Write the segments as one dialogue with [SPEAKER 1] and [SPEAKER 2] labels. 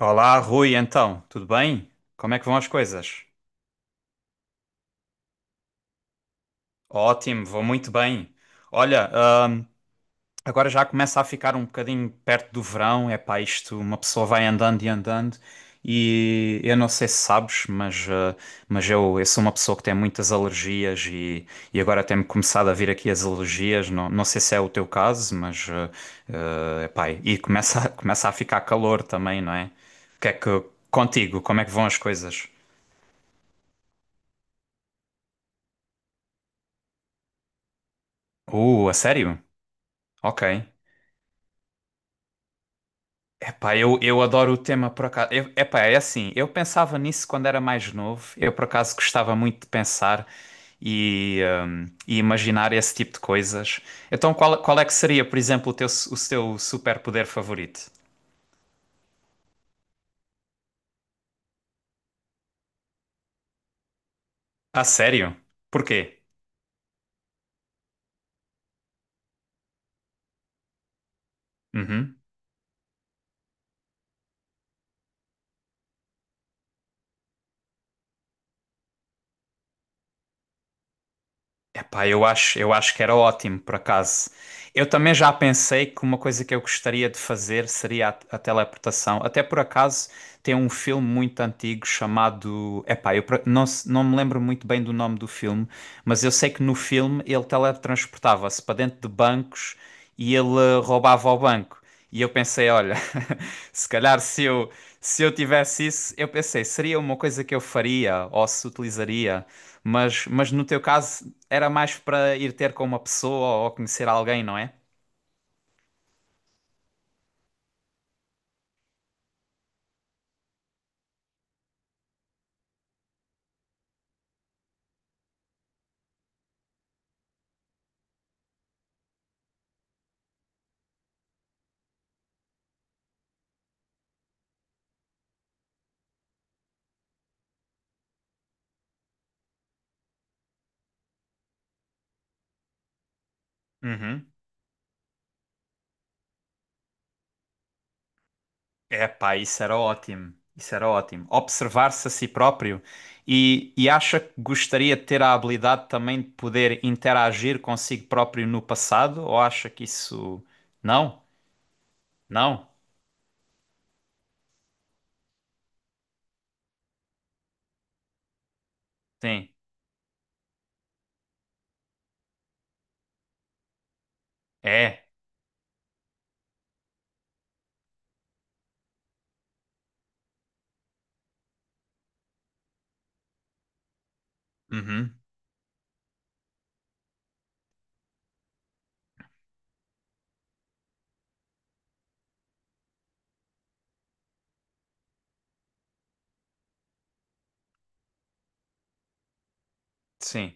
[SPEAKER 1] Olá, Rui, então, tudo bem? Como é que vão as coisas? Ótimo, vou muito bem. Olha, agora já começa a ficar um bocadinho perto do verão, é pá, isto, uma pessoa vai andando e andando e eu não sei se sabes, mas, mas eu sou uma pessoa que tem muitas alergias e agora tem-me começado a vir aqui as alergias, não, não sei se é o teu caso, mas, é pá, e começa, começa a ficar calor também, não é? O que é que, contigo, como é que vão as coisas? A sério? Ok. Epá, eu adoro o tema por acaso. Eu, epá, é assim, eu pensava nisso quando era mais novo. Eu por acaso gostava muito de pensar e imaginar esse tipo de coisas. Então, qual é que seria, por exemplo, o teu, o teu superpoder favorito? Ah, sério? Porquê? Uhum. Epá, eu acho que era ótimo, por acaso. Eu também já pensei que uma coisa que eu gostaria de fazer seria a teleportação. Até por acaso tem um filme muito antigo chamado. Epá, não, não me lembro muito bem do nome do filme, mas eu sei que no filme ele teletransportava-se para dentro de bancos e ele roubava o banco. E eu pensei, olha, se calhar se eu, se eu tivesse isso, eu pensei, seria uma coisa que eu faria ou se utilizaria, mas no teu caso era mais para ir ter com uma pessoa ou conhecer alguém, não é? Uhum. Epá, isso era ótimo. Isso era ótimo. Observar-se a si próprio e acha que gostaria de ter a habilidade também de poder interagir consigo próprio no passado ou acha que isso... Não? Não? Sim. É. Uhum. Sim.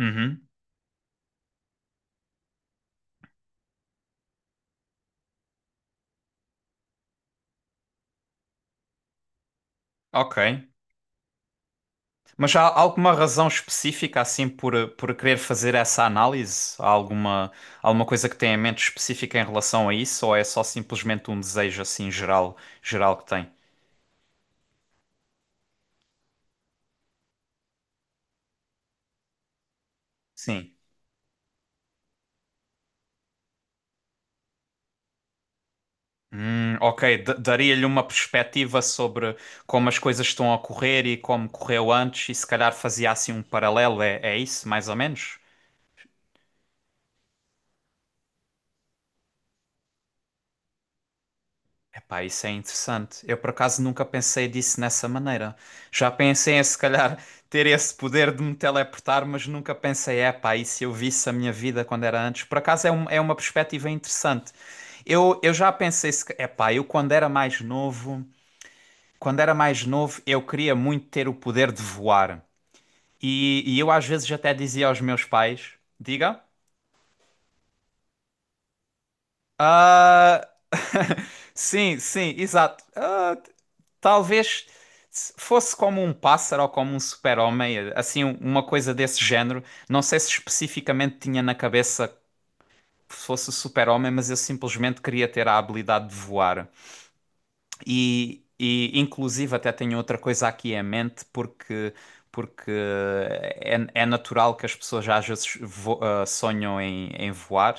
[SPEAKER 1] Uhum. Ok. Mas há alguma razão específica, assim, por querer fazer essa análise? Há alguma, alguma coisa que tem em mente específica em relação a isso? Ou é só simplesmente um desejo, assim, geral que tem? Sim. Ok. Daria-lhe uma perspectiva sobre como as coisas estão a correr e como correu antes e se calhar fazia, assim, um paralelo. É, é isso, mais ou menos? Epá, isso é interessante. Eu por acaso nunca pensei disso nessa maneira. Já pensei em se calhar ter esse poder de me teleportar, mas nunca pensei, epá, e se eu visse a minha vida quando era antes? Por acaso é, é uma perspectiva interessante. Eu já pensei, se ca- epá, eu quando era mais novo, quando era mais novo, eu queria muito ter o poder de voar. E eu às vezes até dizia aos meus pais, diga? Ah, sim, sim, exato. Ah, talvez se fosse como um pássaro ou como um super-homem, assim, uma coisa desse género. Não sei se especificamente tinha na cabeça que fosse o super-homem, mas eu simplesmente queria ter a habilidade de voar. E inclusive até tenho outra coisa aqui em mente, porque, porque é, é natural que as pessoas às vezes sonham em, em voar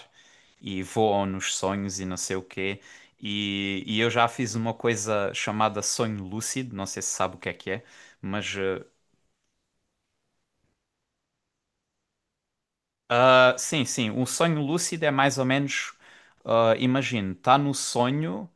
[SPEAKER 1] e voam nos sonhos e não sei o quê. E eu já fiz uma coisa chamada sonho lúcido, não sei se sabe o que é, mas sim, sim, o sonho lúcido é mais ou menos, imagino, imagina, tá no sonho.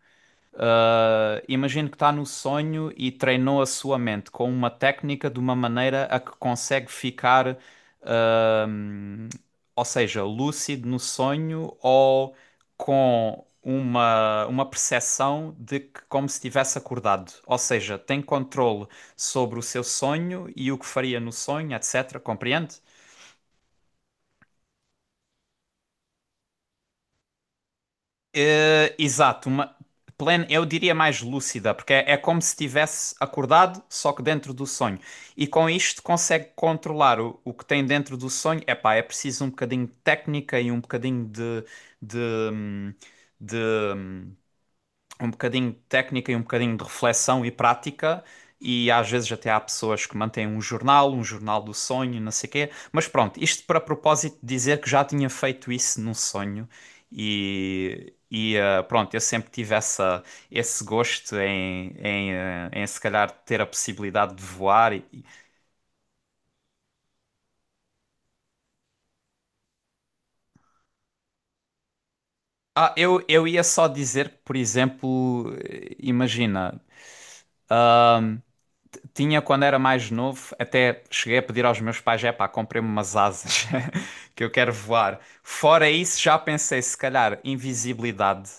[SPEAKER 1] Ah, imagino que está no sonho e treinou a sua mente com uma técnica de uma maneira a que consegue ficar, ahm, ou seja, lúcido no sonho ou com uma percepção de que como se tivesse acordado. Ou seja, tem controle sobre o seu sonho e o que faria no sonho, etc. Compreende? Exato, uma plena, eu diria mais lúcida, porque é, é como se tivesse acordado, só que dentro do sonho. E com isto consegue controlar o que tem dentro do sonho. Epá, é preciso um bocadinho de técnica e um bocadinho de, de, hum, de um bocadinho de técnica e um bocadinho de reflexão e prática. E às vezes até há pessoas que mantêm um jornal do sonho, não sei o quê. Mas pronto, isto para propósito de dizer que já tinha feito isso num sonho. E, pronto, eu sempre tive essa, esse gosto em, em se calhar ter a possibilidade de voar. Ah, eu ia só dizer que, por exemplo, imagina. ah, Tinha quando era mais novo, até cheguei a pedir aos meus pais, é pá, comprei-me umas asas que eu quero voar. Fora isso, já pensei, se calhar, invisibilidade.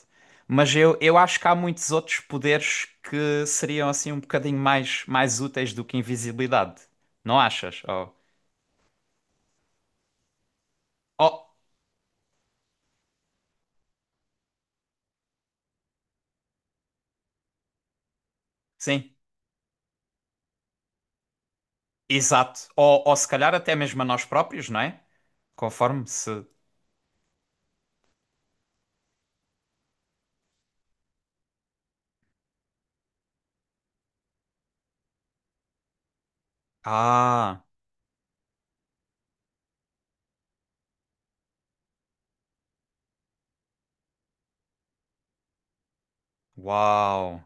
[SPEAKER 1] Mas eu acho que há muitos outros poderes que seriam assim um bocadinho mais, mais úteis do que invisibilidade. Não achas? Ou, oh, sim, exato. Ou se calhar até mesmo a nós próprios, não é? Conforme se. Ah, uau.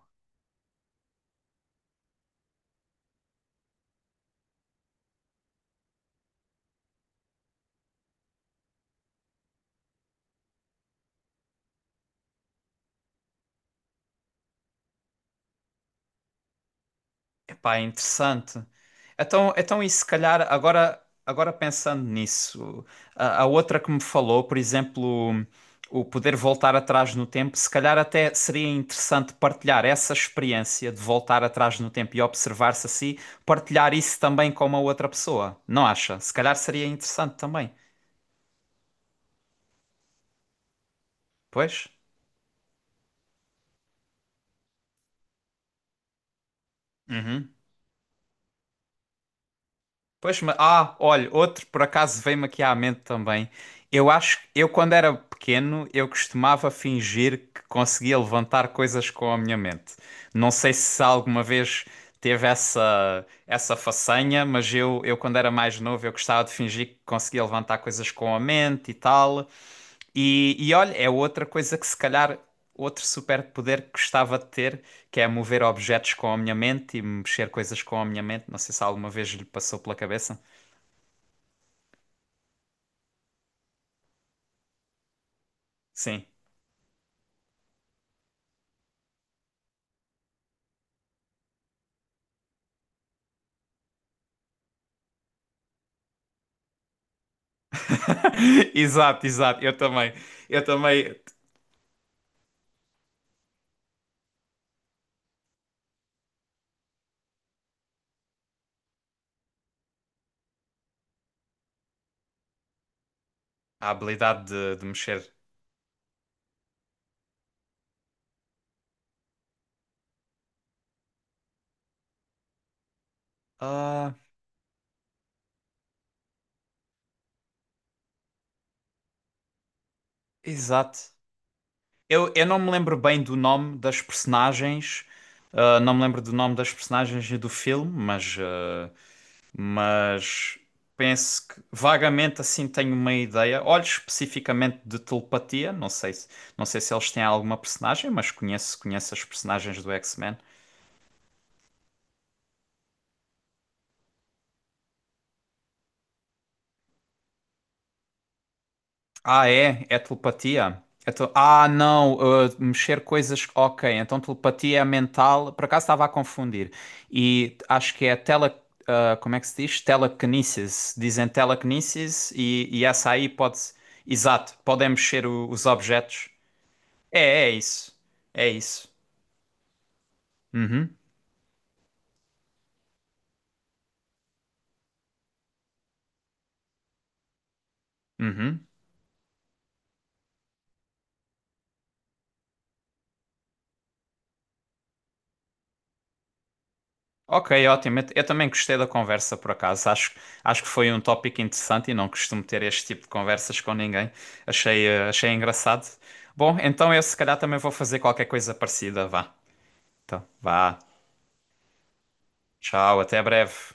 [SPEAKER 1] Epá, é interessante. Então, então e se calhar, agora, agora pensando nisso, a outra que me falou, por exemplo, o poder voltar atrás no tempo, se calhar até seria interessante partilhar essa experiência de voltar atrás no tempo e observar-se assim, partilhar isso também com uma outra pessoa, não acha? Se calhar seria interessante também, pois? Uhum. Pois, mas, ah, olha, outro por acaso veio-me aqui à mente também. Eu acho, eu quando era pequeno, eu costumava fingir que conseguia levantar coisas com a minha mente. Não sei se alguma vez teve essa essa façanha, mas eu quando era mais novo, eu gostava de fingir que conseguia levantar coisas com a mente e tal. E olha, é outra coisa que se calhar outro superpoder que gostava de ter, que é mover objetos com a minha mente e mexer coisas com a minha mente. Não sei se alguma vez lhe passou pela cabeça. Sim. Exato, exato. Eu também. Eu também. A habilidade de mexer. Ah, exato. Eu não me lembro bem do nome das personagens. Não me lembro do nome das personagens e do filme, mas, mas penso que vagamente assim tenho uma ideia. Olho especificamente de telepatia. Não sei se, não sei se eles têm alguma personagem, mas conheço, conheço as personagens do X-Men. Ah, é? É telepatia? Ah, não, mexer coisas. Ok, então telepatia é mental. Por acaso estava a confundir. E acho que é tele. Como é que se diz? Telekinesis. Dizem telekinesis e essa aí pode. Exato, podem mexer os objetos. É, é isso. É isso. Uhum, uhum. Ok, ótimo. Eu também gostei da conversa, por acaso. Acho, acho que foi um tópico interessante e não costumo ter este tipo de conversas com ninguém. Achei, achei engraçado. Bom, então eu se calhar também vou fazer qualquer coisa parecida. Vá. Então, vá. Tchau, até breve.